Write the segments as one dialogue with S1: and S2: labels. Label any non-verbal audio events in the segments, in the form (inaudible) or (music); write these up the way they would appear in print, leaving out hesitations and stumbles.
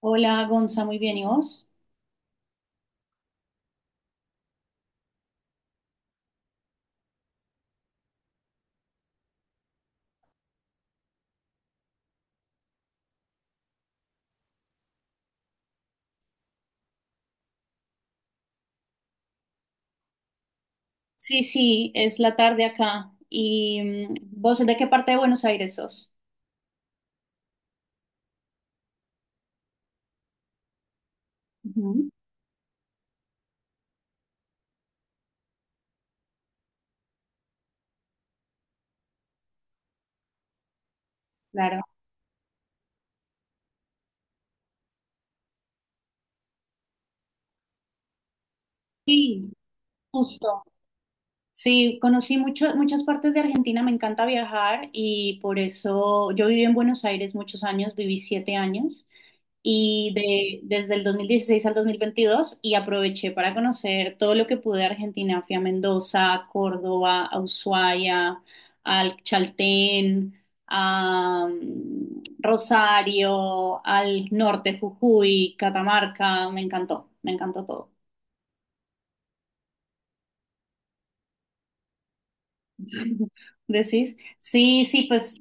S1: Hola, Gonza, muy bien, ¿y vos? Sí, sí, es la tarde acá. ¿Y mm, vos de qué parte de Buenos Aires sos? Ujú. Claro. Sí, justo. Sí, conocí muchas partes de Argentina, me encanta viajar y por eso yo viví en Buenos Aires muchos años, viví 7 años y desde el 2016 al 2022 y aproveché para conocer todo lo que pude de Argentina. Fui a Mendoza, a Córdoba, a Ushuaia, al Chaltén, a Rosario, al norte, Jujuy, Catamarca, me encantó todo. (laughs) ¿Decís? Sí, sí, pues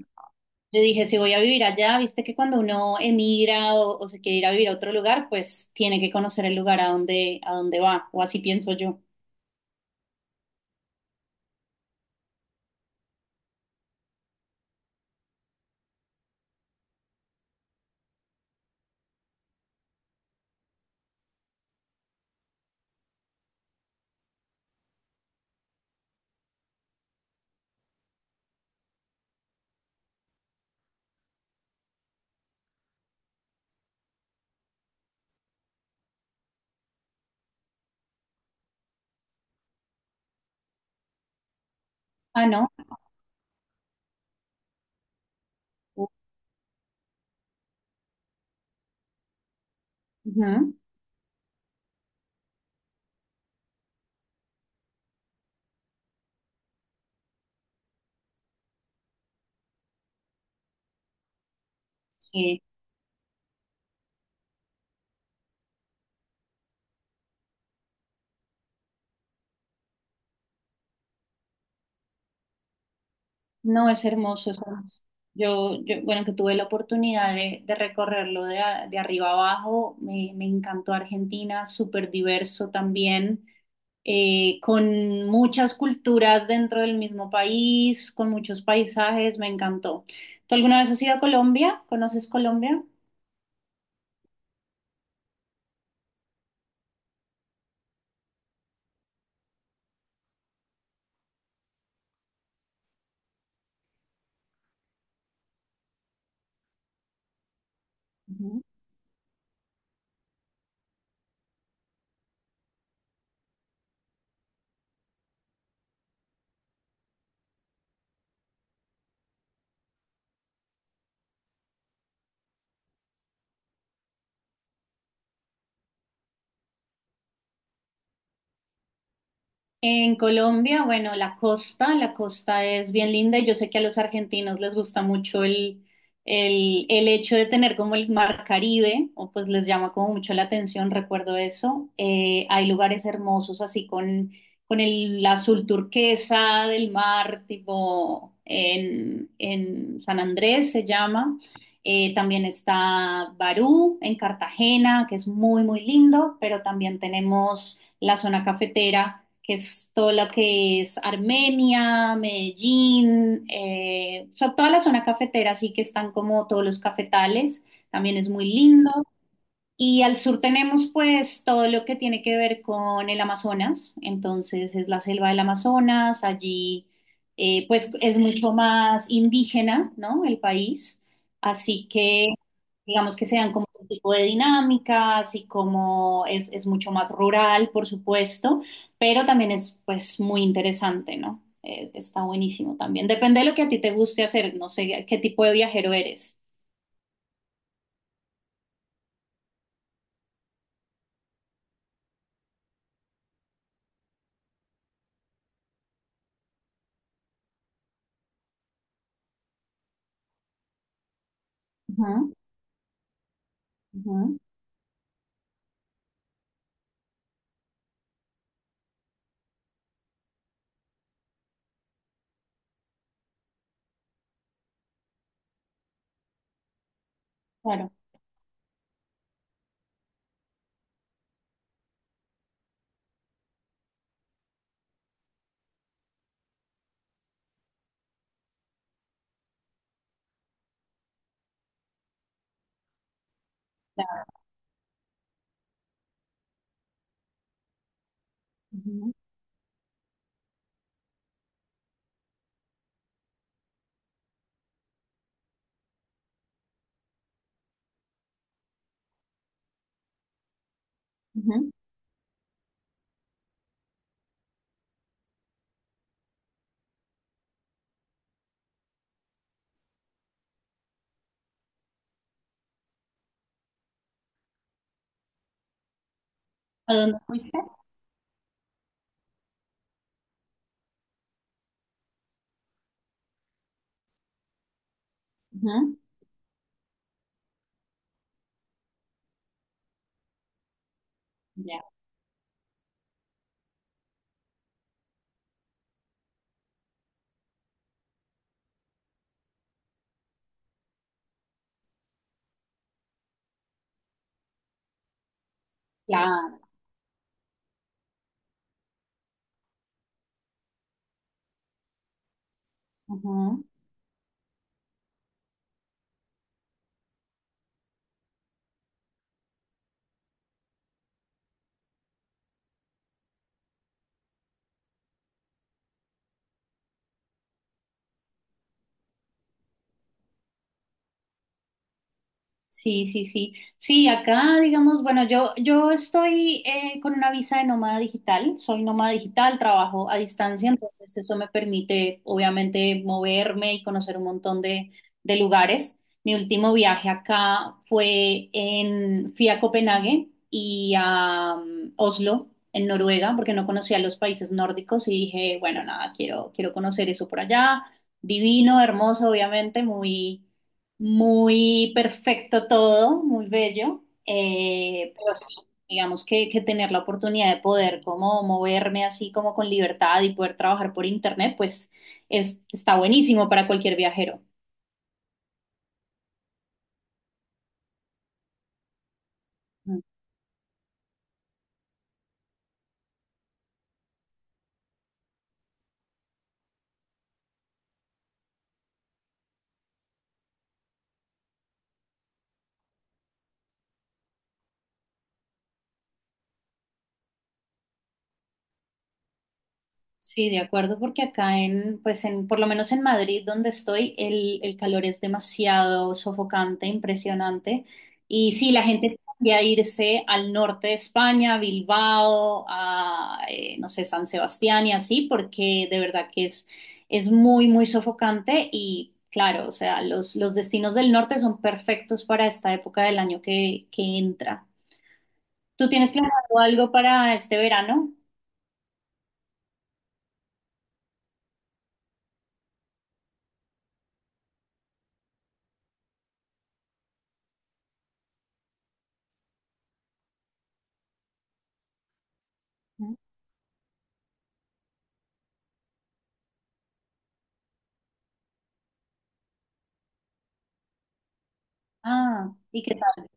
S1: yo dije, si voy a vivir allá, viste que cuando uno emigra o se quiere ir a vivir a otro lugar, pues tiene que conocer el lugar a donde va, o así pienso yo. Ah, ¿no? Ujú. Sí. No, es hermoso, es hermoso. Yo, bueno, que tuve la oportunidad de recorrerlo de, de arriba abajo, me encantó Argentina, súper diverso también, con muchas culturas dentro del mismo país, con muchos paisajes, me encantó. ¿Tú alguna vez has ido a Colombia? ¿Conoces Colombia? En Colombia, bueno, la costa es bien linda y yo sé que a los argentinos les gusta mucho el hecho de tener como el mar Caribe, o pues les llama como mucho la atención, recuerdo eso. Hay lugares hermosos así con el azul turquesa del mar, tipo en San Andrés se llama. También está Barú en Cartagena, que es muy, muy lindo, pero también tenemos la zona cafetera que es todo lo que es Armenia, Medellín, o sea, toda la zona cafetera, sí que están como todos los cafetales, también es muy lindo. Y al sur tenemos pues todo lo que tiene que ver con el Amazonas, entonces es la selva del Amazonas, allí pues es mucho más indígena, ¿no? El país, así que digamos que se dan como un tipo de dinámicas y como es mucho más rural, por supuesto, pero también es pues muy interesante, ¿no? Está buenísimo también. Depende de lo que a ti te guste hacer, no sé qué tipo de viajero eres. Ujú, ujú, claro. Ujú. ¿A dónde fuiste? Ujú. Ya, claro. Ujú. Sí, sí, sí. Sí, acá, digamos, bueno, yo estoy con una visa de nómada digital, soy nómada digital, trabajo a distancia, entonces eso me permite, obviamente, moverme y conocer un montón de lugares. Mi último viaje acá fue fui a Copenhague y a Oslo, en Noruega, porque no conocía los países nórdicos y dije, bueno, nada, quiero, quiero conocer eso por allá. Divino, hermoso, obviamente, muy perfecto todo, muy bello, pero sí, digamos que tener la oportunidad de poder como moverme así como con libertad y poder trabajar por internet, pues es, está buenísimo para cualquier viajero. Sí, de acuerdo, porque acá pues en, por lo menos en Madrid, donde estoy, el calor es demasiado sofocante, impresionante. Y sí, la gente tiende a irse al norte de España, a Bilbao, a, no sé, San Sebastián y así, porque de verdad que es muy, muy sofocante. Y claro, o sea, los destinos del norte son perfectos para esta época del año que entra. ¿Tú tienes planeado algo para este verano? Ah, ¿y qué tal?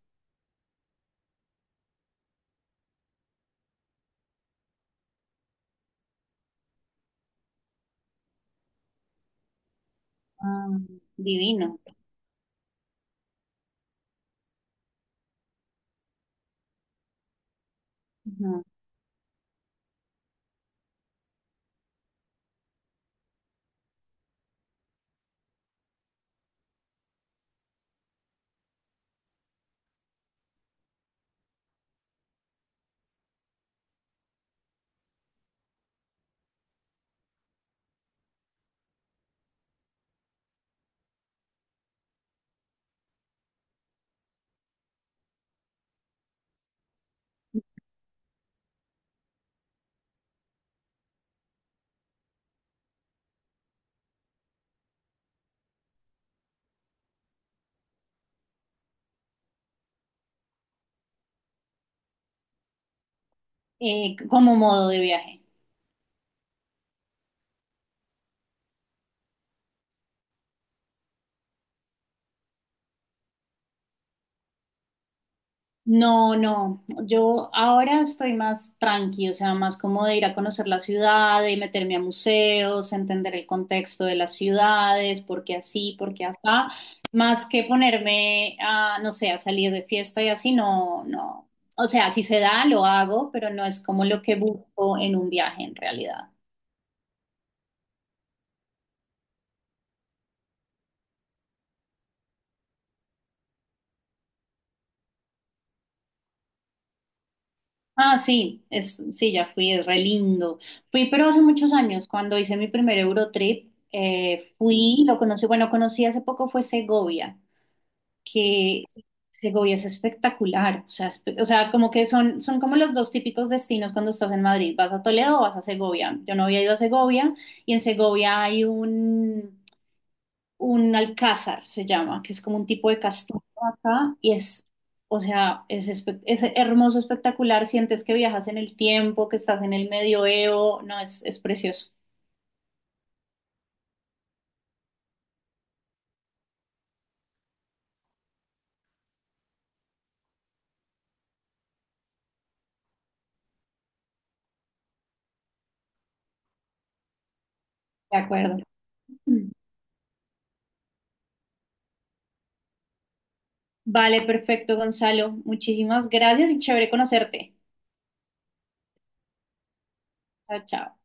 S1: Mm, divino. Ujú. Como modo de viaje. No, no, yo ahora estoy más tranqui, o sea, más como de ir a conocer la ciudad, de meterme a museos, entender el contexto de las ciudades, por qué así, por qué asá, más que ponerme a, no sé, a salir de fiesta y así, no, no. O sea, si se da, lo hago, pero no es como lo que busco en un viaje en realidad. Ah, sí, es, sí, ya fui, es re lindo. Fui, pero hace muchos años, cuando hice mi primer Eurotrip, fui, lo conocí, bueno, conocí hace poco fue Segovia, que Segovia es espectacular, o sea, o sea, como que son, son como los dos típicos destinos cuando estás en Madrid, vas a Toledo o vas a Segovia. Yo no había ido a Segovia y en Segovia hay un alcázar, se llama, que es como un tipo de castillo acá y es, o sea, es, es hermoso, espectacular, sientes que viajas en el tiempo, que estás en el medioevo, no, es precioso, de acuerdo. Vale, perfecto, Gonzalo, muchísimas gracias y chévere conocerte. Chao, chao.